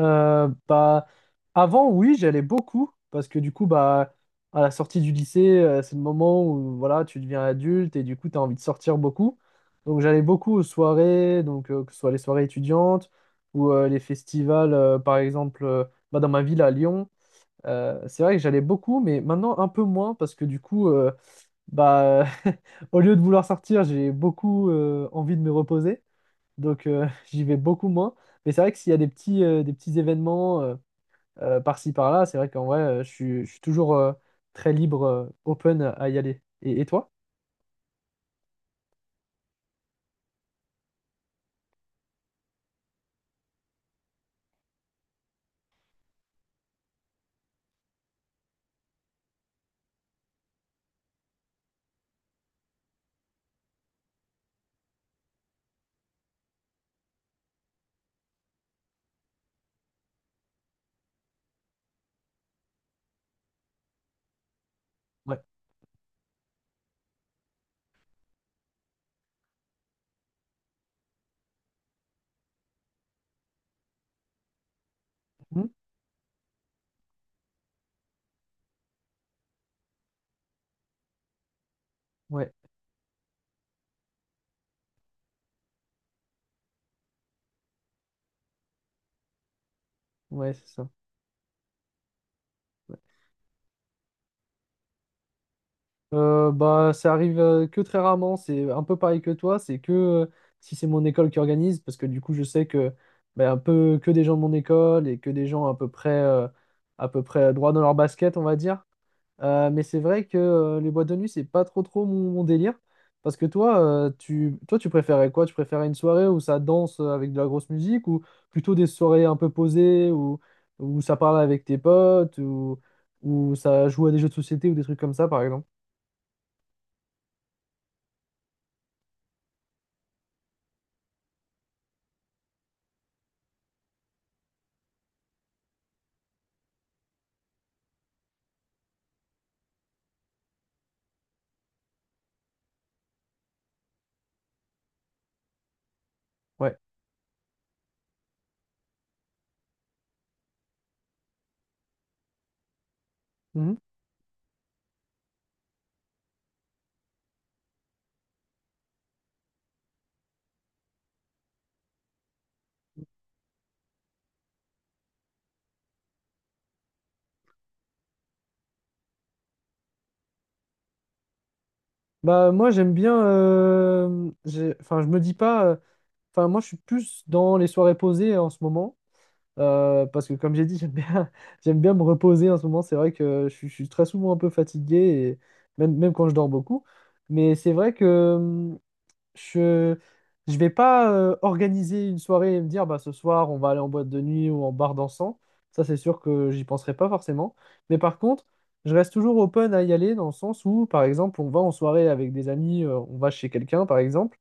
Bah, avant, oui, j'allais beaucoup parce que du coup, bah, à la sortie du lycée, c'est le moment où voilà, tu deviens adulte et du coup, tu as envie de sortir beaucoup. Donc, j'allais beaucoup aux soirées, donc, que ce soit les soirées étudiantes ou les festivals, par exemple, bah, dans ma ville à Lyon. C'est vrai que j'allais beaucoup, mais maintenant un peu moins parce que du coup, bah, au lieu de vouloir sortir, j'ai beaucoup envie de me reposer. Donc j'y vais beaucoup moins. Mais c'est vrai que s'il y a des petits événements par-ci par-là, c'est vrai qu'en vrai, je suis toujours très libre, open à y aller. Et toi? Ouais. Mhm. Ouais, ouais, c'est ça. Ouais. Bah, ça arrive que très rarement. C'est un peu pareil que toi. C'est que si c'est mon école qui organise, parce que du coup, je sais que bah, un peu que des gens de mon école et que des gens à peu près droit dans leur basket, on va dire. Mais c'est vrai que les boîtes de nuit, c'est pas trop trop mon, délire. Parce que toi, toi, tu préférais quoi? Tu préférais une soirée où ça danse avec de la grosse musique ou plutôt des soirées un peu posées où, ça parle avec tes potes ou où ça joue à des jeux de société ou des trucs comme ça, par exemple? Ouais. Mhm. Bah, moi, j'aime bien, enfin, je me dis pas. Enfin, moi, je suis plus dans les soirées posées en ce moment. Parce que comme j'ai dit, j'aime bien, j'aime bien me reposer en ce moment. C'est vrai que je suis très souvent un peu fatigué, et même quand je dors beaucoup. Mais c'est vrai que je je vais pas organiser une soirée et me dire bah, ce soir on va aller en boîte de nuit ou en bar dansant. Ça, c'est sûr que j'y penserai pas forcément. Mais par contre, je reste toujours open à y aller dans le sens où, par exemple, on va en soirée avec des amis, on va chez quelqu'un, par exemple.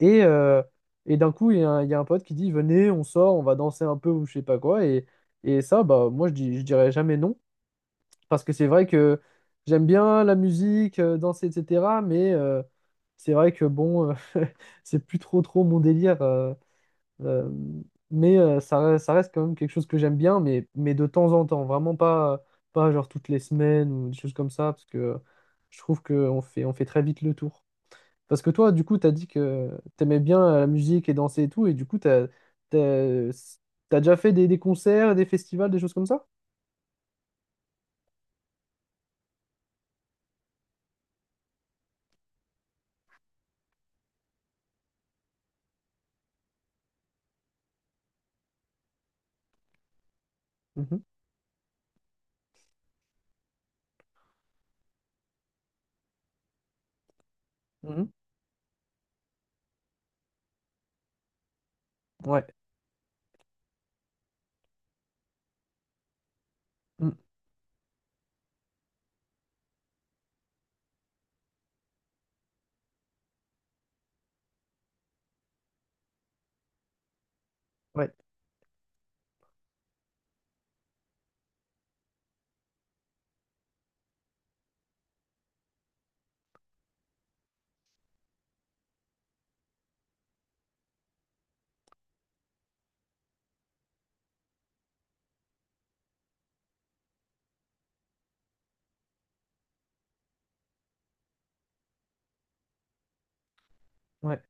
Et, euh, et d'un coup, il y a un pote qui dit, venez, on sort, on va danser un peu ou je sais pas quoi. Et ça, bah, moi, je dirais jamais non. Parce que c'est vrai que j'aime bien la musique, danser, etc. Mais c'est vrai que bon, c'est plus trop trop mon délire. Euh, mais ça, ça reste quand même quelque chose que j'aime bien, mais de temps en temps. Vraiment pas genre toutes les semaines ou des choses comme ça. Parce que je trouve qu'on fait très vite le tour. Parce que toi, du coup, t'as dit que t'aimais bien la musique et danser et tout, et du coup, t'as, t'as déjà fait des concerts, des festivals, des choses comme ça? Mhm, mhm. Ouais. Mm, ouais. Ouais.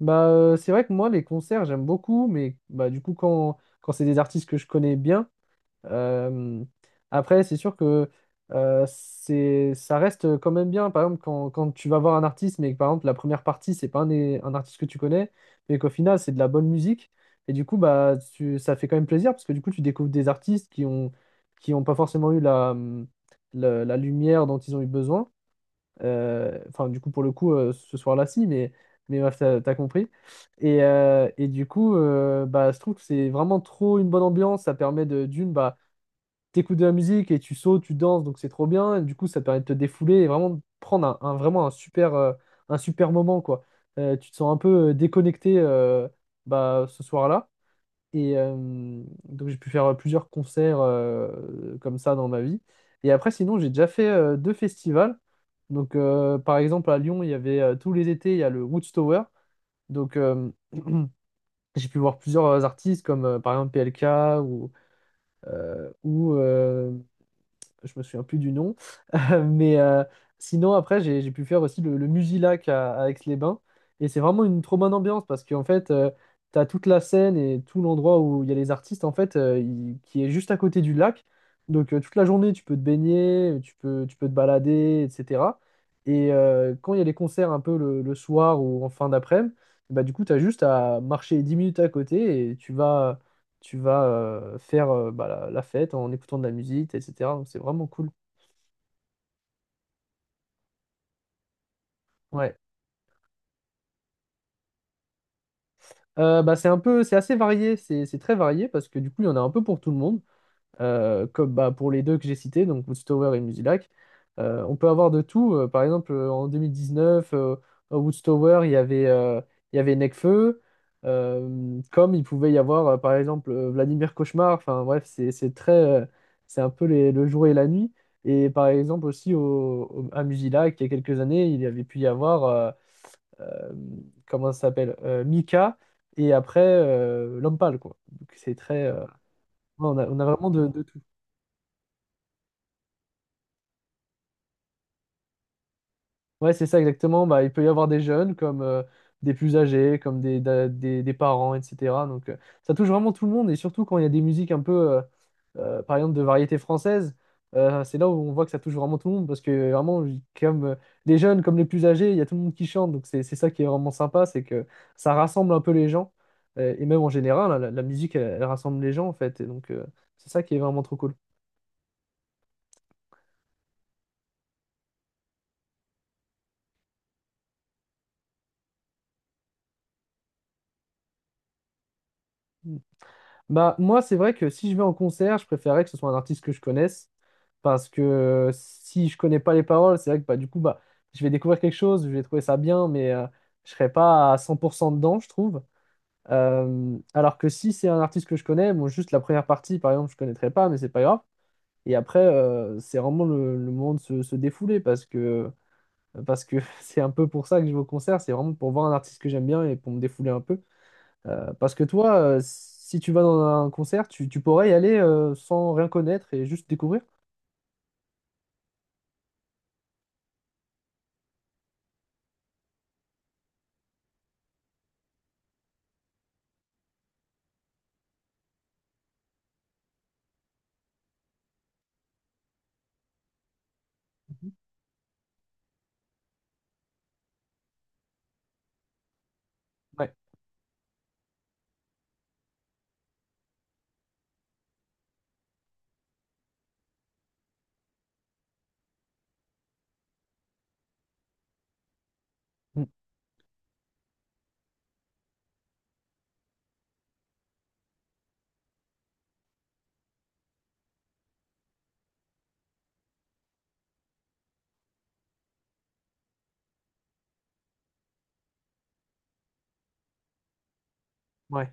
Bah, c'est vrai que moi, les concerts, j'aime beaucoup, mais bah, du coup, quand c'est des artistes que je connais bien, euh, après, c'est sûr que ça reste quand même bien. Par exemple, quand tu vas voir un artiste, mais que par exemple, la première partie, c'est pas un artiste que tu connais, mais qu'au final, c'est de la bonne musique. Et du coup, bah, ça fait quand même plaisir, parce que du coup, tu découvres des artistes qui ont, pas forcément eu la, la lumière dont ils ont eu besoin. Enfin, du coup, pour le coup, ce soir-là, si, mais bref, t'as compris. Et du coup, bah, je trouve que c'est vraiment trop une bonne ambiance. Ça permet d'une, bah, t'écoutes de la musique et tu sautes, tu danses, donc c'est trop bien. Et du coup, ça permet de te défouler et vraiment de prendre vraiment un super moment, quoi. Tu te sens un peu déconnecté bah, ce soir-là. Et donc j'ai pu faire plusieurs concerts comme ça dans ma vie. Et après, sinon, j'ai déjà fait deux festivals. Donc par exemple, à Lyon, il y avait tous les étés, il y a le Woodstower. Donc j'ai pu voir plusieurs artistes comme par exemple PLK ou, ou je me souviens plus du nom. Mais sinon, après, j'ai pu faire aussi le Musilac à Aix-les-Bains. Et c'est vraiment une trop bonne ambiance parce qu'en fait, tu as toute la scène et tout l'endroit où il y a les artistes, en fait, qui est juste à côté du lac. Donc, toute la journée, tu peux te baigner, tu peux te balader, etc. Et quand il y a les concerts un peu le soir ou en fin d'après-midi, bah, du coup, tu as juste à marcher 10 minutes à côté et tu vas faire bah, la fête en écoutant de la musique, etc. Donc, c'est vraiment cool. Ouais. Bah, c'est assez varié, c'est très varié parce que du coup, il y en a un peu pour tout le monde, comme bah, pour les deux que j'ai cités, donc Woodstower et Musilac. On peut avoir de tout. Par exemple, en 2019, à Woodstower, il y avait Nekfeu, comme il pouvait y avoir, par exemple, Vladimir Cauchemar. Enfin, bref, c'est très, c'est un peu le jour et la nuit. Et par exemple, aussi à Musilac, il y a quelques années, il y avait pu y avoir. Euh, Comment ça s'appelle Mika et après l'homme pâle quoi. Donc c'est très ouais, on a vraiment de tout. Ouais, c'est ça exactement. Bah, il peut y avoir des jeunes comme des plus âgés, comme des parents, etc. Donc ça touche vraiment tout le monde et surtout quand il y a des musiques un peu par exemple, de variété française, c'est là où on voit que ça touche vraiment tout le monde, parce que vraiment, comme les jeunes, comme les plus âgés, il y a tout le monde qui chante, donc c'est ça qui est vraiment sympa, c'est que ça rassemble un peu les gens, et même en général, hein, la musique, elle rassemble les gens, en fait, et donc c'est ça qui est vraiment trop cool. Bah, moi, c'est vrai que si je vais en concert, je préférerais que ce soit un artiste que je connaisse. Parce que si je connais pas les paroles, c'est vrai que bah, du coup, bah, je vais découvrir quelque chose, je vais trouver ça bien, mais je serai pas à 100% dedans, je trouve. Alors que si c'est un artiste que je connais, bon, juste la première partie, par exemple, je connaîtrais pas, mais c'est pas grave. Et après, c'est vraiment le moment de se défouler parce que parce que c'est un peu pour ça que je vais au concert, c'est vraiment pour voir un artiste que j'aime bien et pour me défouler un peu. Parce que toi, si tu vas dans un concert, tu pourrais y aller sans rien connaître et juste découvrir. Mhm. Ouais. Mm. Ouais.